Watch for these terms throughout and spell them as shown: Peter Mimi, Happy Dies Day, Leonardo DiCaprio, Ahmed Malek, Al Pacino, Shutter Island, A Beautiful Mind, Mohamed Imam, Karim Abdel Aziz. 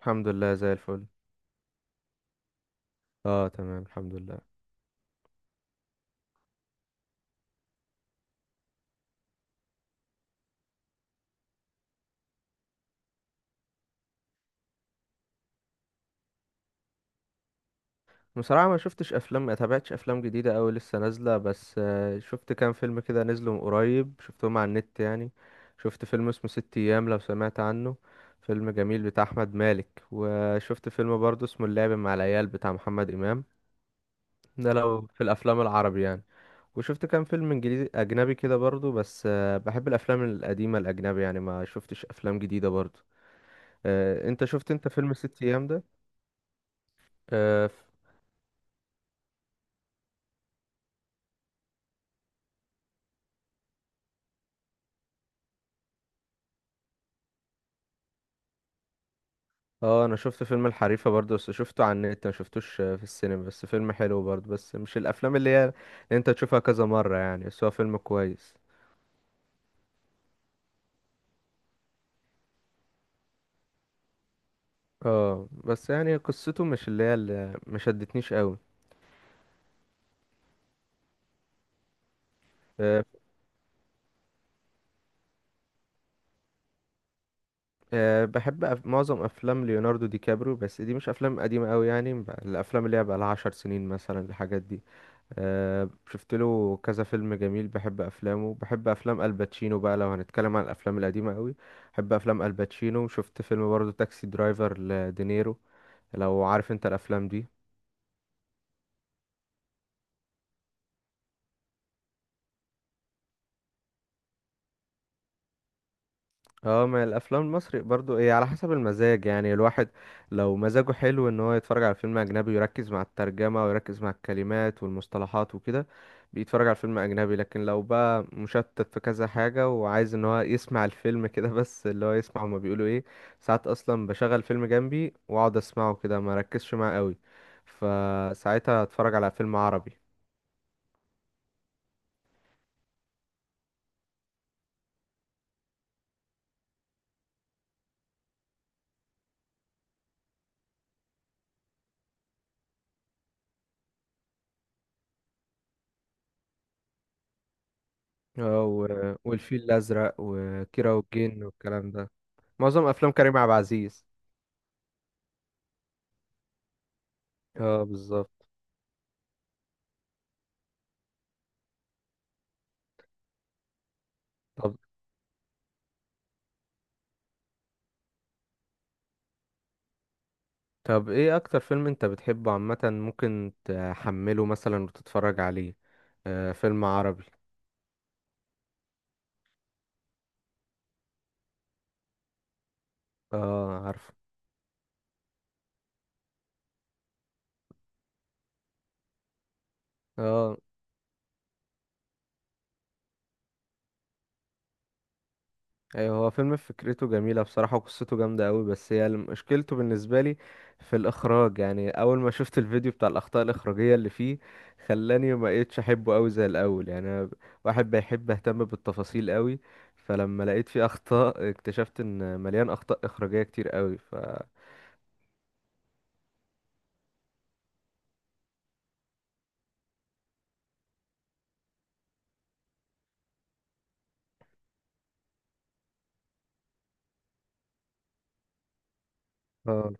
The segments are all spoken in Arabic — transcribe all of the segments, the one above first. الحمد لله زي الفل. اه، تمام الحمد لله. بصراحة ما شفتش افلام، ما تابعتش افلام جديدة اوي لسه نازلة. بس شفت كام فيلم كده نزلوا من قريب شفتهم على النت يعني. شفت فيلم اسمه ست ايام، لو سمعت عنه. فيلم جميل بتاع احمد مالك. وشفت فيلم برضه اسمه اللعب مع العيال بتاع محمد امام. ده لو في الافلام العربي يعني. وشفت كام فيلم انجليزي اجنبي كده برضه. بس بحب الافلام القديمة الاجنبي يعني، ما شفتش افلام جديدة برضه. انت شفت، انت فيلم ست ايام؟ ده اه انا شفت فيلم الحريفة برضو، بس شفته على النت ما شفتوش في السينما. بس فيلم حلو برضو، بس مش الافلام اللي هي اللي انت تشوفها كذا مرة يعني، بس هو فيلم كويس. اه بس يعني قصته مش اللي هي اللي، ما شدتنيش قوي. أه. أه، بحب معظم افلام ليوناردو دي كابريو، بس دي مش افلام قديمة قوي يعني. الافلام اللي هي بقى لها 10 سنين مثلا، الحاجات دي. شفت له كذا فيلم جميل، بحب افلامه. بحب افلام الباتشينو بقى لو هنتكلم عن الافلام القديمه قوي. بحب افلام الباتشينو. شفت فيلم برضه تاكسي درايفر لدينيرو، لو عارف انت الافلام دي. اه، ما الافلام المصري برضو ايه على حسب المزاج يعني. الواحد لو مزاجه حلو ان هو يتفرج على فيلم اجنبي ويركز مع الترجمة ويركز مع الكلمات والمصطلحات وكده بيتفرج على فيلم اجنبي. لكن لو بقى مشتت في كذا حاجة وعايز ان هو يسمع الفيلم كده بس اللي هو يسمع هما بيقولوا ايه. ساعات اصلا بشغل فيلم جنبي واقعد اسمعه كده، ما ركزش معاه قوي، فساعتها اتفرج على فيلم عربي. اه والفيل الازرق وكيرة والجن والكلام ده. معظم افلام كريم عبد العزيز. اه بالظبط. طب. طب، ايه اكتر فيلم انت بتحبه عامة ممكن تحمله مثلا وتتفرج عليه؟ آه، فيلم عربي. اه عارف. اه. ايوه هو فيلم فكرته جميلة بصراحة وقصته جامدة قوي، بس هي مشكلته بالنسبة لي في الاخراج يعني. اول ما شفت الفيديو بتاع الاخطاء الاخراجية اللي فيه خلاني ما بقيتش احبه قوي زي الاول. يعني أنا واحد بيحب اهتم بالتفاصيل قوي، فلما لقيت فيه اخطاء اكتشفت ان مليان اخطاء اخراجية كتير قوي، اه.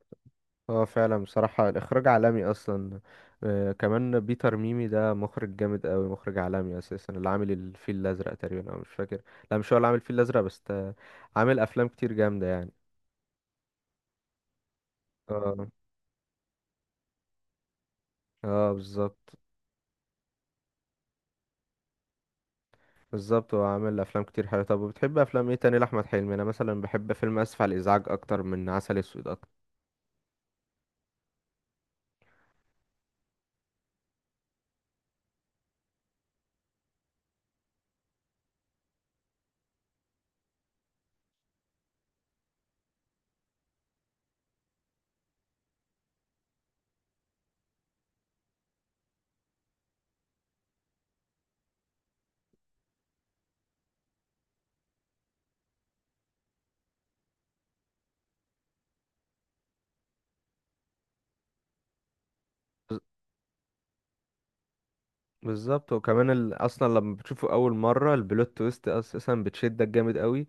اه فعلا بصراحة الإخراج عالمي أصلا. آه، كمان بيتر ميمي ده مخرج جامد أوي، مخرج عالمي أساسا، اللي عامل الفيل الأزرق تقريبا، أو مش فاكر. لا مش هو اللي عامل الفيل الأزرق، بس ده عامل أفلام كتير جامدة يعني. اه. اه بالظبط. بالظبط، هو عامل أفلام كتير حلوة. طب وبتحب أفلام ايه تاني لأحمد حلمي؟ أنا مثلا بحب فيلم آسف على الإزعاج أكتر من عسل أسود أكتر. بز- بالظبط. وكمان أصلا لما بتشوفه أول مرة البلوت تويست أساسا بتشدك جامد أوي،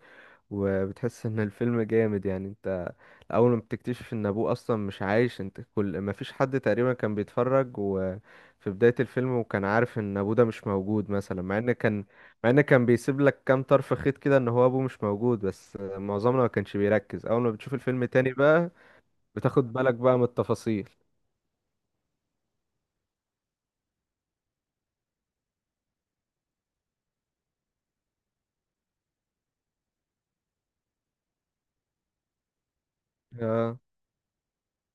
وبتحس ان الفيلم جامد يعني. انت اول ما بتكتشف ان ابوه اصلا مش عايش، انت كل ما فيش حد تقريبا كان بيتفرج وفي بداية الفيلم وكان عارف ان ابوه ده مش موجود. مثلا مع ان كان بيسيب لك كام طرف خيط كده ان هو ابوه مش موجود، بس معظمنا ما كانش بيركز. اول ما بتشوف الفيلم تاني بقى بتاخد بالك بقى من التفاصيل. اه.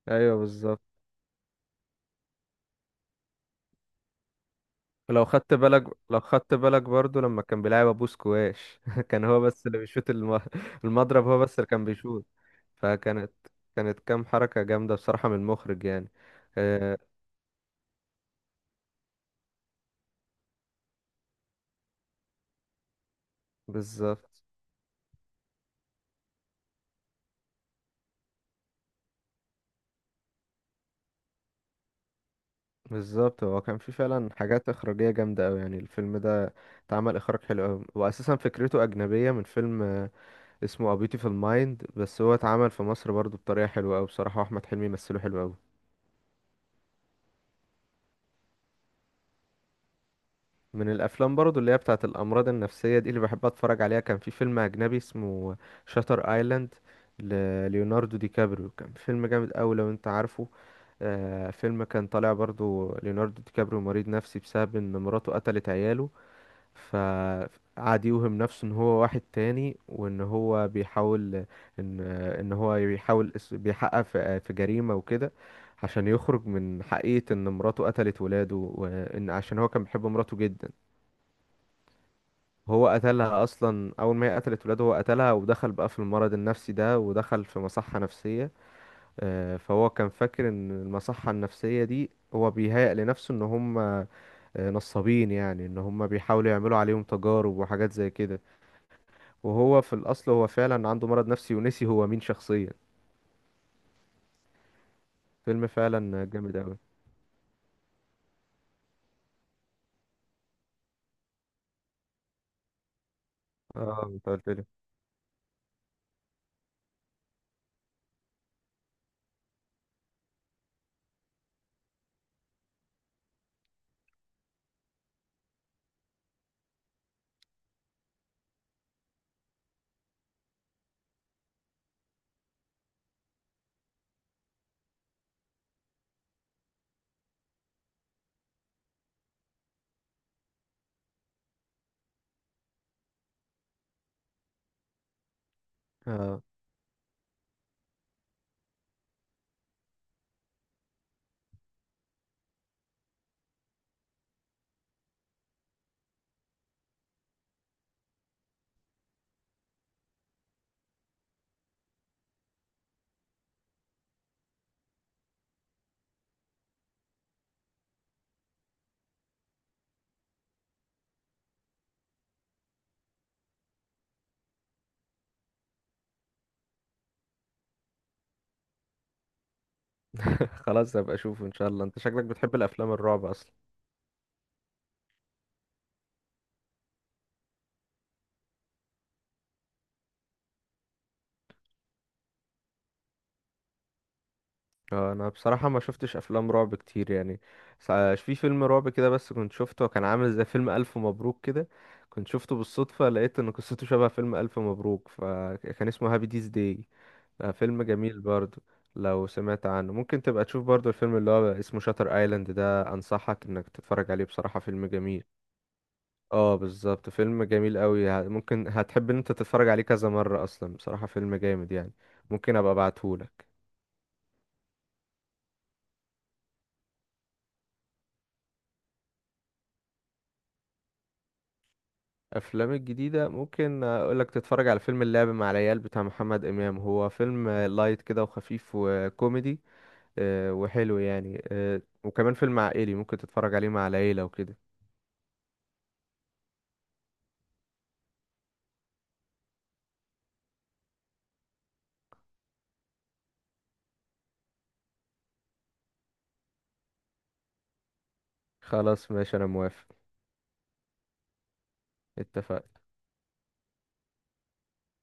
ايوه بالظبط. لو خدت بالك لو خدت بالك برضو لما كان بيلعب ابو سكواش كان هو بس اللي بيشوت المضرب، هو بس اللي كان بيشوت. فكانت كام حركة جامدة بصراحة من المخرج يعني. آه بالظبط. بالظبط، هو كان في فعلا حاجات إخراجية جامدة أوي يعني، الفيلم ده اتعمل إخراج حلو أوي، وأساسا فكرته أجنبية من فيلم اسمه A Beautiful Mind. بس هو اتعمل في مصر برضو بطريقة حلوة أوي بصراحة، وأحمد حلمي مثله حلو أوي. من الافلام برضو اللي هي بتاعت الامراض النفسيه دي اللي بحب اتفرج عليها كان في فيلم اجنبي اسمه شاتر ايلاند لليوناردو دي كابريو. كان فيلم جامد قوي، لو انت عارفه. آه، فيلم كان طالع برضو ليوناردو دي كابريو مريض نفسي بسبب ان مراته قتلت عياله. فقعد يوهم نفسه ان هو واحد تاني، وان هو بيحاول ان ان هو بيحاول اس- بيحقق في جريمه وكده عشان يخرج من حقيقة ان مراته قتلت ولاده. وان عشان هو كان بيحب مراته جدا هو قتلها. اصلا اول ما هي قتلت ولاده هو قتلها، ودخل بقى في المرض النفسي ده، ودخل في مصحة نفسية. فهو كان فاكر ان المصحة النفسية دي هو بيهيأ لنفسه ان هم نصابين، يعني ان هم بيحاولوا يعملوا عليهم تجارب وحاجات زي كده. وهو في الاصل هو فعلا عنده مرض نفسي ونسي هو مين شخصيا. فيلم فعلا جامد اوي. اه انت قلت لي. اه خلاص هبقى اشوفه ان شاء الله. انت شكلك بتحب الافلام الرعب اصلا. انا بصراحة ما شفتش افلام رعب كتير يعني. في فيلم رعب كده بس كنت شفته، كان عامل زي فيلم الف مبروك كده. كنت شفته بالصدفة، لقيت ان قصته شبه فيلم الف مبروك، فكان اسمه هابي ديز داي. فيلم جميل برضو لو سمعت عنه. ممكن تبقى تشوف برضو الفيلم اللي هو اسمه شاتر ايلاند ده، انصحك انك تتفرج عليه، بصراحة فيلم جميل. اه بالظبط. فيلم جميل قوي، ممكن هتحب ان انت تتفرج عليه كذا مرة اصلا، بصراحة فيلم جامد يعني. ممكن ابقى ابعتهولك. افلام الجديده ممكن اقول لك تتفرج على فيلم اللعب مع العيال بتاع محمد امام، هو فيلم لايت كده وخفيف وكوميدي وحلو يعني. وكمان فيلم عائلي ممكن تتفرج عليه مع العيله وكده. خلاص ماشي انا موافق. اتفق.